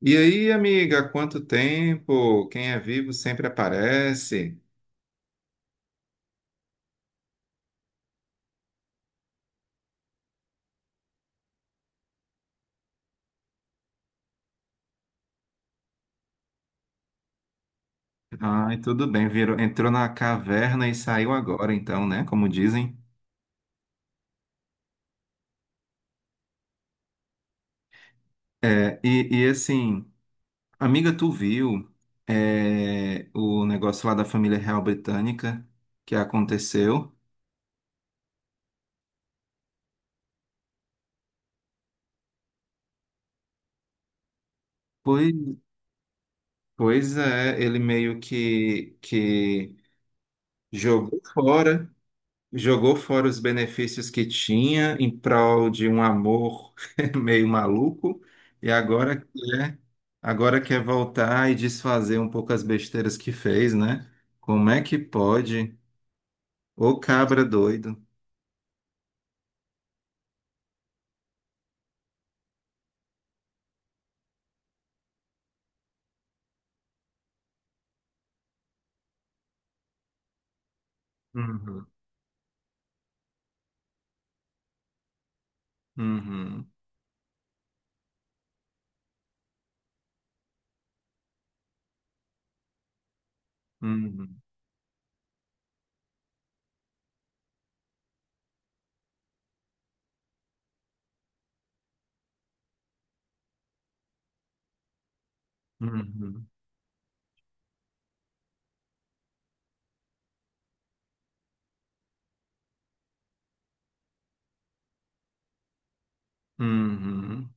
E aí, amiga, há quanto tempo? Quem é vivo sempre aparece. Ai, tudo bem, virou, entrou na caverna e saiu agora, então, né? Como dizem. É, e assim, amiga, tu viu o negócio lá da família real britânica que aconteceu? Pois, pois é, ele meio que jogou fora. Jogou fora os benefícios que tinha em prol de um amor meio maluco e agora quer voltar e desfazer um pouco as besteiras que fez, né? Como é que pode? Ô cabra doido. Uhum, uhum, uhum, uhum, uhum.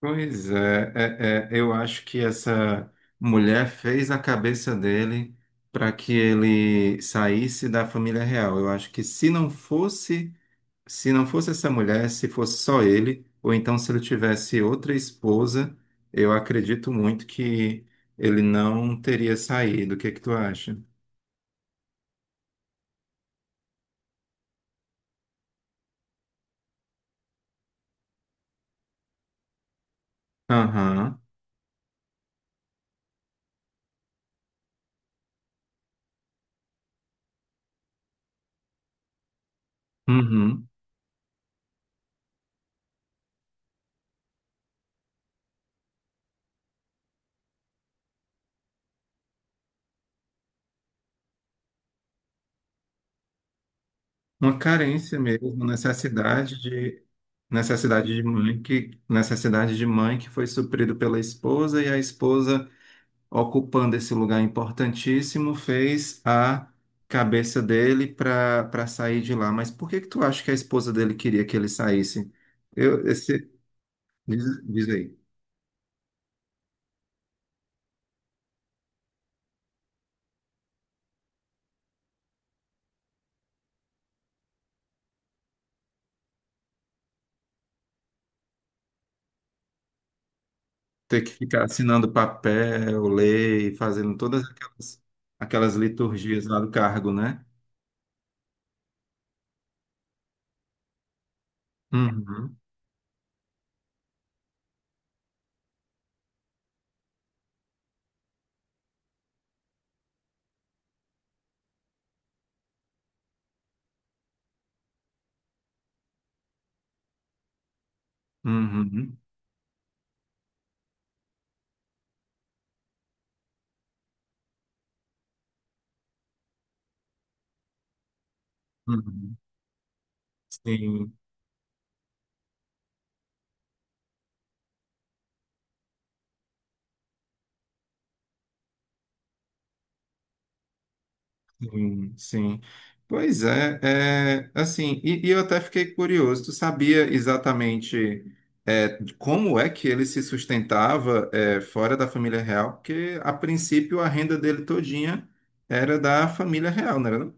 Pois é, eu acho que essa mulher fez a cabeça dele para que ele saísse da família real. Eu acho que se não fosse essa mulher, se fosse só ele, ou então se ele tivesse outra esposa, eu acredito muito que ele não teria saído. O que é que tu acha? Aham. Uhum. Uma carência mesmo, necessidade de mãe que necessidade de mãe que foi suprido pela esposa e a esposa ocupando esse lugar importantíssimo, fez a cabeça dele para sair de lá. Mas por que que tu acha que a esposa dele queria que ele saísse? Eu, esse, diz aí, ter que ficar assinando papel, lei, fazendo todas aquelas liturgias lá do cargo, né? Uhum, uhum, uhum. Sim. Sim, sim. Pois é, é assim, e eu até fiquei curioso, tu sabia exatamente como é que ele se sustentava fora da família real? Porque, a princípio, a renda dele todinha era da família real, não era não?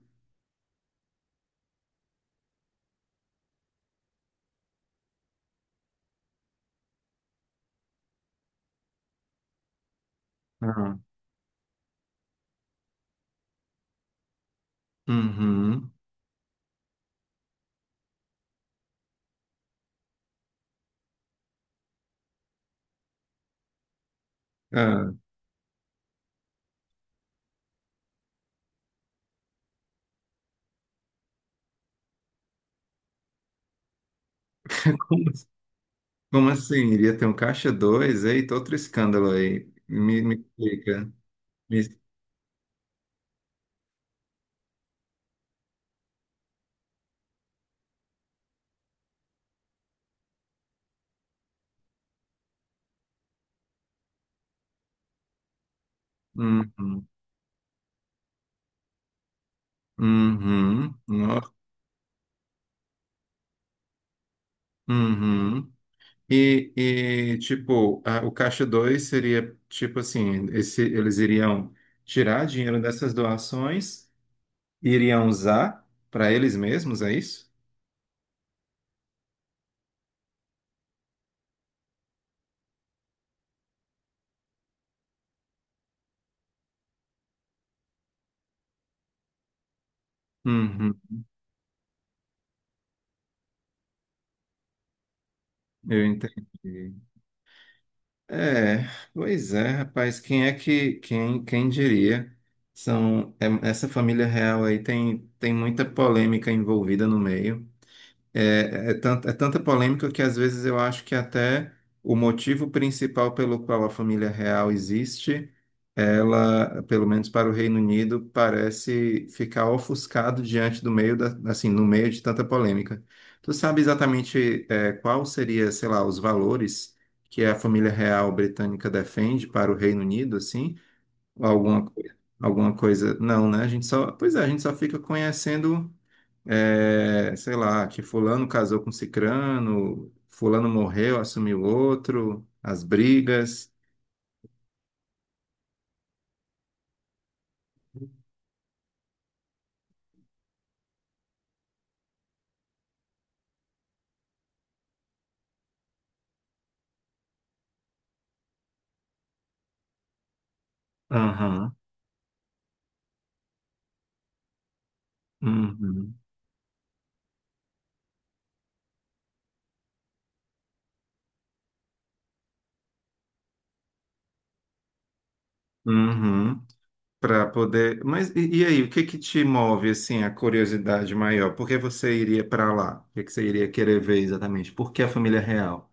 Ah, uhum. Ah, como, assim, como assim? Iria ter um caixa dois? Eita, outro escândalo aí. Me explica. Me- uhum, uhum, nossa, uhum. E, tipo, o Caixa 2 seria, tipo assim, esse, eles iriam tirar dinheiro dessas doações e iriam usar para eles mesmos, é isso? Uhum, eu entendi. É, pois é, rapaz, quem diria? São, essa família real aí tem, muita polêmica envolvida no meio. É, é tanta polêmica que às vezes eu acho que até o motivo principal pelo qual a família real existe, ela, pelo menos para o Reino Unido, parece ficar ofuscado diante do meio da, assim, no meio de tanta polêmica. Tu sabe exatamente qual seria, sei lá, os valores que a família real britânica defende para o Reino Unido, assim? Alguma, alguma coisa? Não, né? A gente só, pois é, a gente só fica conhecendo sei lá, que fulano casou com cicrano, fulano morreu, assumiu outro, as brigas. Aham, uhum, uhum, para poder. Mas e aí, o que que te move assim a curiosidade maior? Por que você iria para lá? O que que você iria querer ver exatamente? Por que a família real?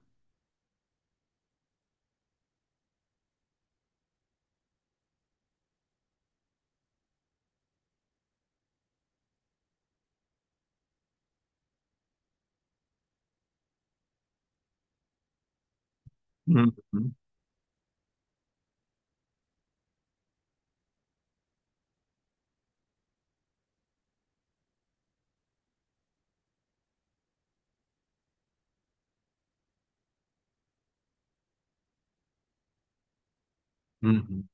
Uhum, uhum.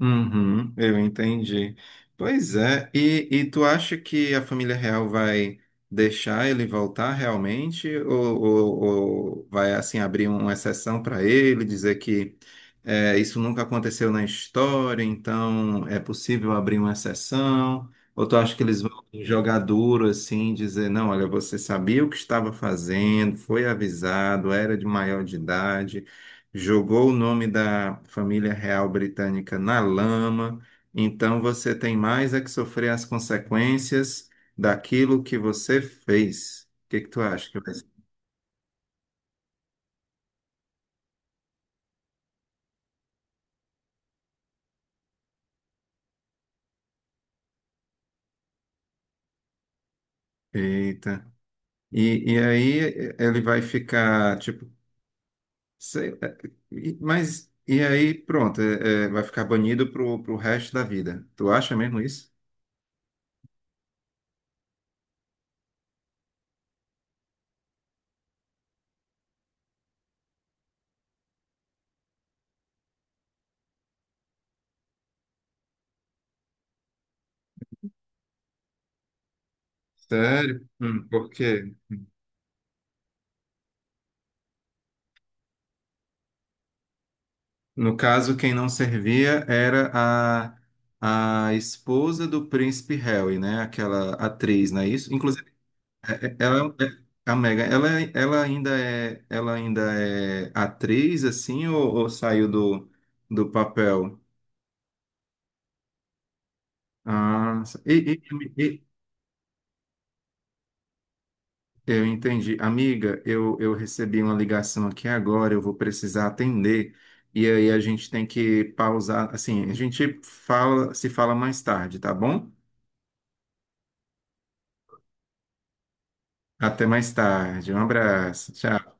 Uhum, eu entendi. Pois é, e tu acha que a família real vai deixar ele voltar realmente? Ou vai assim abrir uma exceção para ele, dizer que isso nunca aconteceu na história, então é possível abrir uma exceção? Ou tu acha que eles vão jogar duro assim, dizer, não, olha, você sabia o que estava fazendo, foi avisado, era de maior de idade, jogou o nome da família real britânica na lama, então você tem mais é que sofrer as consequências daquilo que você fez. O que que tu acha que vai ser? Eita. E aí, ele vai ficar, tipo, sei, mas, e aí pronto, vai ficar banido pro resto da vida. Tu acha mesmo isso? Sério? Por quê? No caso, quem não servia era a esposa do príncipe Harry, né? Aquela atriz, não é isso? Inclusive, ela é um, é, a Meghan, ela ainda é atriz, assim, ou saiu do papel? Ah, e, e- e- eu entendi. Amiga, eu recebi uma ligação aqui agora, eu vou precisar atender. E aí a gente tem que pausar, assim, se fala mais tarde, tá bom? Até mais tarde. Um abraço. Tchau.